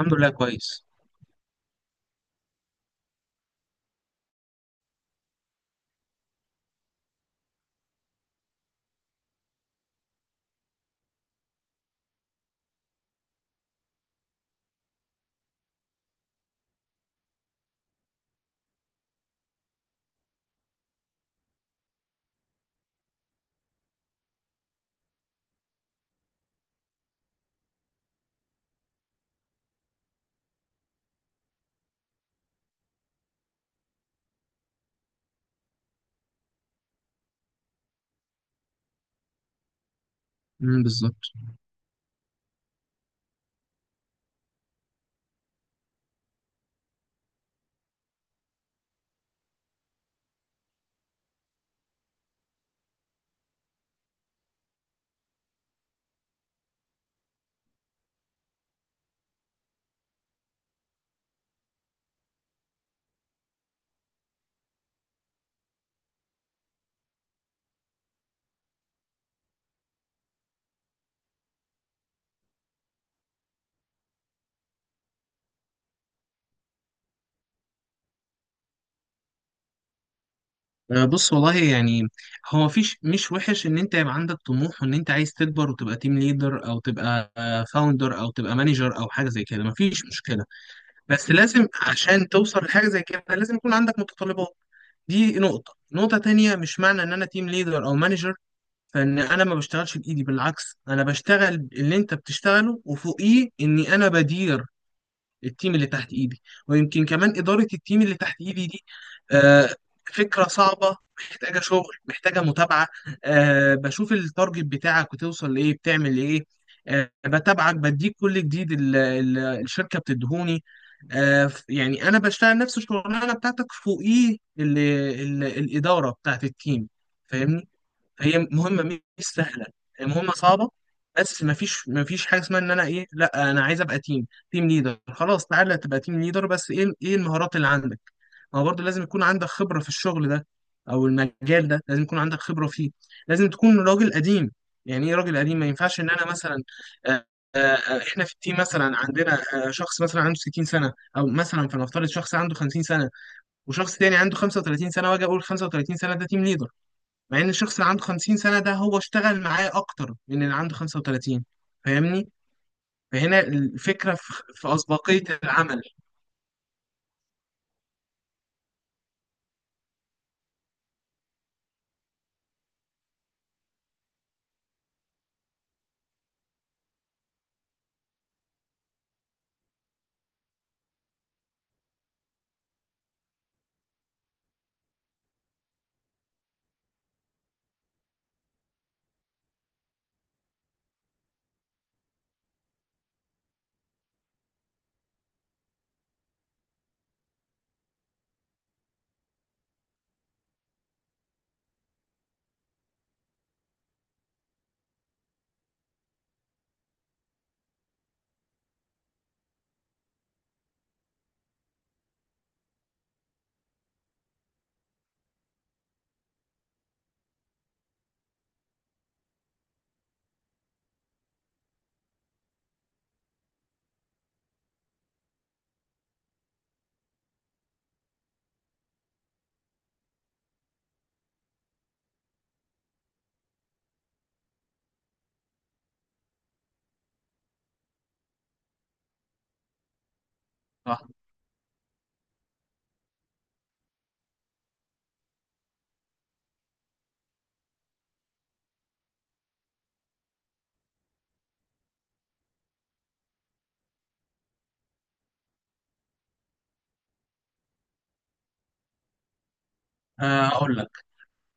الحمد لله كويس. بالظبط. بص، والله يعني هو مفيش، مش وحش ان انت يبقى عندك طموح وان انت عايز تكبر وتبقى تيم ليدر، او تبقى فاوندر، او تبقى مانجر، او حاجه زي كده، مفيش مشكله. بس لازم عشان توصل لحاجه زي كده لازم يكون عندك متطلبات. دي نقطه. نقطه تانية، مش معنى ان انا تيم ليدر او مانجر فان انا ما بشتغلش بايدي، بالعكس انا بشتغل اللي انت بتشتغله وفوقيه اني انا بدير التيم اللي تحت ايدي، ويمكن كمان اداره التيم اللي تحت ايدي دي آه، فكره صعبه، محتاجه شغل، محتاجه متابعه. بشوف التارجت بتاعك وتوصل لايه، بتعمل ايه. بتابعك، بديك كل جديد الشركه بتدهوني. يعني انا بشتغل نفس الشغلانه بتاعتك فوقيه الاداره بتاعت التيم، فاهمني. هي مهمه، مش سهله، هي مهمه صعبه. بس ما فيش حاجه اسمها ان انا ايه، لا انا عايز ابقى تيم ليدر، خلاص تعالى تبقى تيم ليدر، بس ايه المهارات اللي عندك. ما هو برضه لازم يكون عندك خبره في الشغل ده، او المجال ده لازم يكون عندك خبره فيه، لازم تكون راجل قديم. يعني ايه راجل قديم؟ ما ينفعش ان انا مثلا، آه، احنا في التيم مثلا عندنا شخص مثلا عنده 60 سنه، او مثلا فلنفترض شخص عنده 50 سنه، وشخص تاني عنده 35 سنه، واجي اقول 35 سنه ده تيم ليدر، مع ان الشخص اللي عنده 50 سنة ده هو اشتغل معاه اكتر من اللي عنده 35، فاهمني. فهنا الفكرة في أسبقية العمل. صح. أقول لك،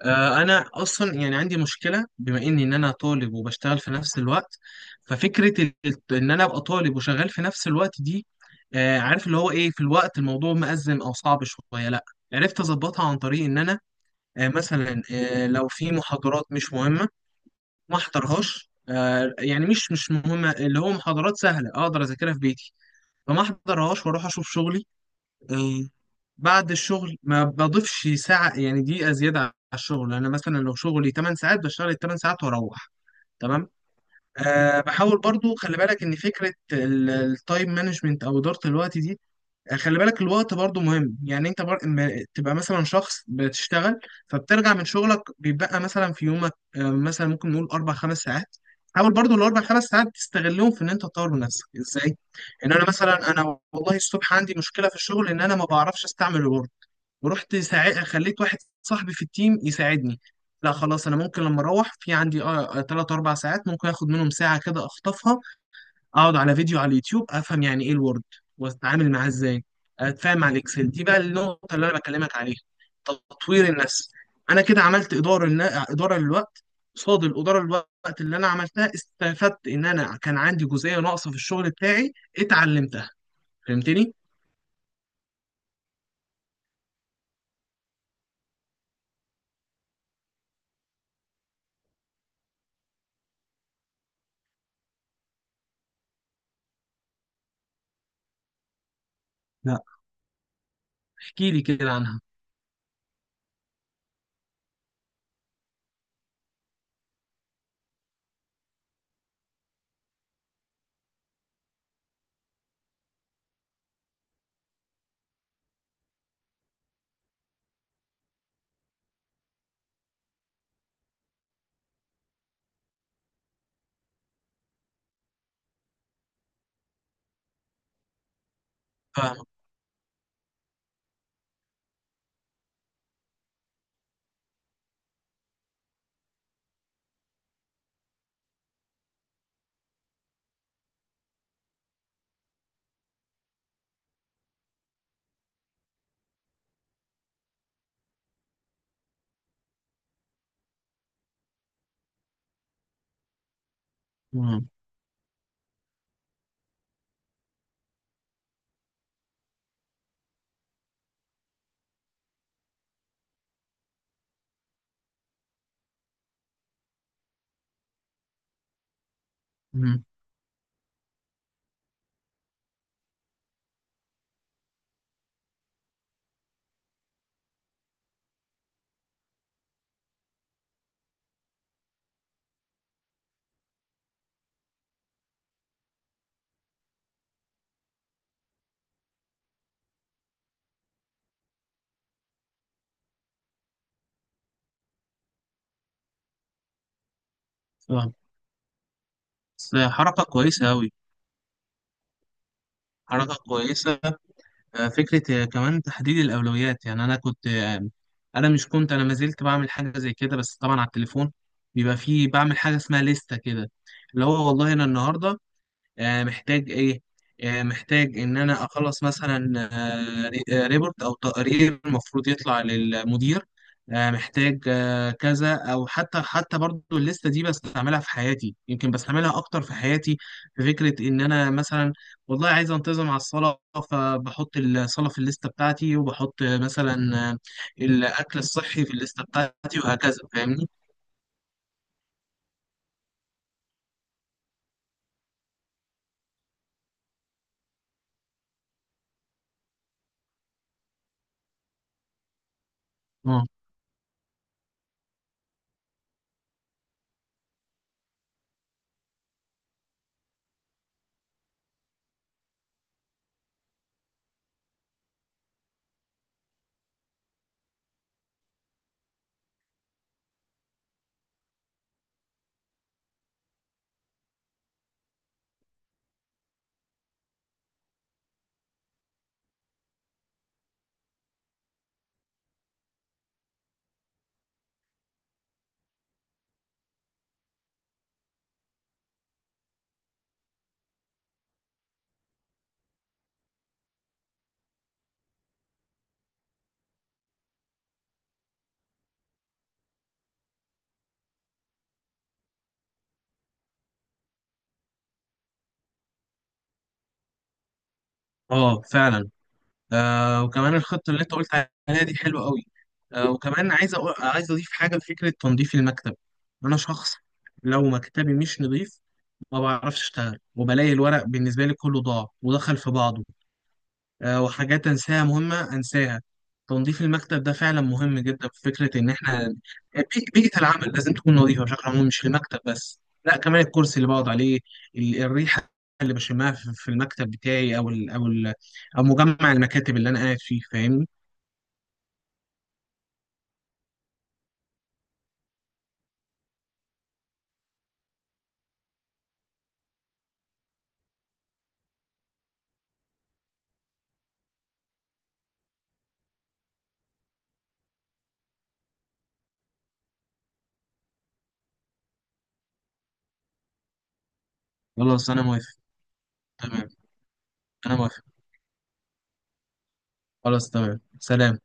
أنا أصلا يعني عندي مشكلة بما إني إن أنا طالب وبشتغل في نفس الوقت. ففكرة إن أنا أبقى طالب وشغال في نفس الوقت دي، عارف اللي هو إيه، في الوقت الموضوع مأزم أو صعب شوية، لأ، عرفت أظبطها عن طريق إن أنا مثلا، لو في محاضرات مش مهمة ما احضرهاش. يعني مش مهمة، اللي هو محاضرات سهلة اقدر اذاكرها في بيتي، فما احضرهاش واروح اشوف شغلي. آه، بعد الشغل ما بضيفش ساعة، يعني دقيقة زيادة على الشغل. انا مثلا لو شغلي 8 ساعات بشتغل ال 8 ساعات واروح، تمام. بحاول برضو خلي بالك ان فكرة التايم مانجمنت او ادارة الوقت دي، خلي بالك الوقت برضو مهم. يعني انت بر... ما- تبقى مثلا شخص بتشتغل، فبترجع من شغلك بيبقى مثلا في يومك مثلا ممكن نقول اربع خمس ساعات. حاول برضو الاربع خمس ساعات تستغلهم في ان انت تطور من نفسك ازاي. ان انا مثلا، انا والله الصبح عندي مشكله في الشغل ان انا ما بعرفش استعمل الوورد، ورحت خليت واحد صاحبي في التيم يساعدني. لا خلاص، انا ممكن لما اروح في عندي 3 4 ساعات، ممكن اخد منهم ساعه كده اخطفها، اقعد على فيديو على اليوتيوب افهم يعني ايه الوورد واتعامل معاه ازاي، اتفاهم مع الاكسل. دي بقى النقطه اللي انا بكلمك عليها، تطوير النفس. انا كده عملت اداره اداره للوقت. قصاد الاداره للوقت اللي انا عملتها استفدت ان انا كان عندي جزئيه ناقصه في الشغل بتاعي، اتعلمتها، فهمتني. لا، احكي لي كده عنها. فاهم. مم. مم. فاهم. بس حركه كويسه قوي، حركه كويسه. فكرة كمان تحديد الأولويات. يعني أنا كنت، أنا مش كنت، أنا ما زلت بعمل حاجة زي كده بس طبعا على التليفون. بيبقى فيه، بعمل حاجة اسمها لستة كده، اللي هو والله أنا النهاردة محتاج ايه. محتاج ان انا اخلص مثلا ريبورت او تقرير المفروض يطلع للمدير. محتاج كذا، او حتى برضو الليسته دي بستعملها في حياتي، يمكن بستعملها اكتر في حياتي في فكره ان انا مثلا والله عايز انتظم على الصلاه، فبحط الصلاه في الليسته بتاعتي وبحط مثلا آه، الاكل الصحي في الليسته بتاعتي وهكذا، فاهمني. اه، اه، فعلا. وكمان الخطة اللي انت قلت عليها دي حلوة قوي. وكمان عايز عايز اضيف حاجة لفكرة تنظيف المكتب. انا شخص لو مكتبي مش نظيف ما بعرفش اشتغل، وبلاقي الورق بالنسبة لي كله ضاع ودخل في بعضه، وحاجات أنساها، مهمة أنساها. تنظيف المكتب ده فعلا مهم جدا، في فكرة إن إحنا بيئة العمل لازم تكون نظيفة بشكل عام، مش المكتب بس لا، كمان الكرسي اللي بقعد عليه، الريحة اللي بشمها في المكتب بتاعي، أو ال أو ال أو مجمع المكاتب اللي أنا قاعد فيه، فاهمني. خلاص أنا موافق. تمام، أنا موافق. خلاص، تمام، سلام.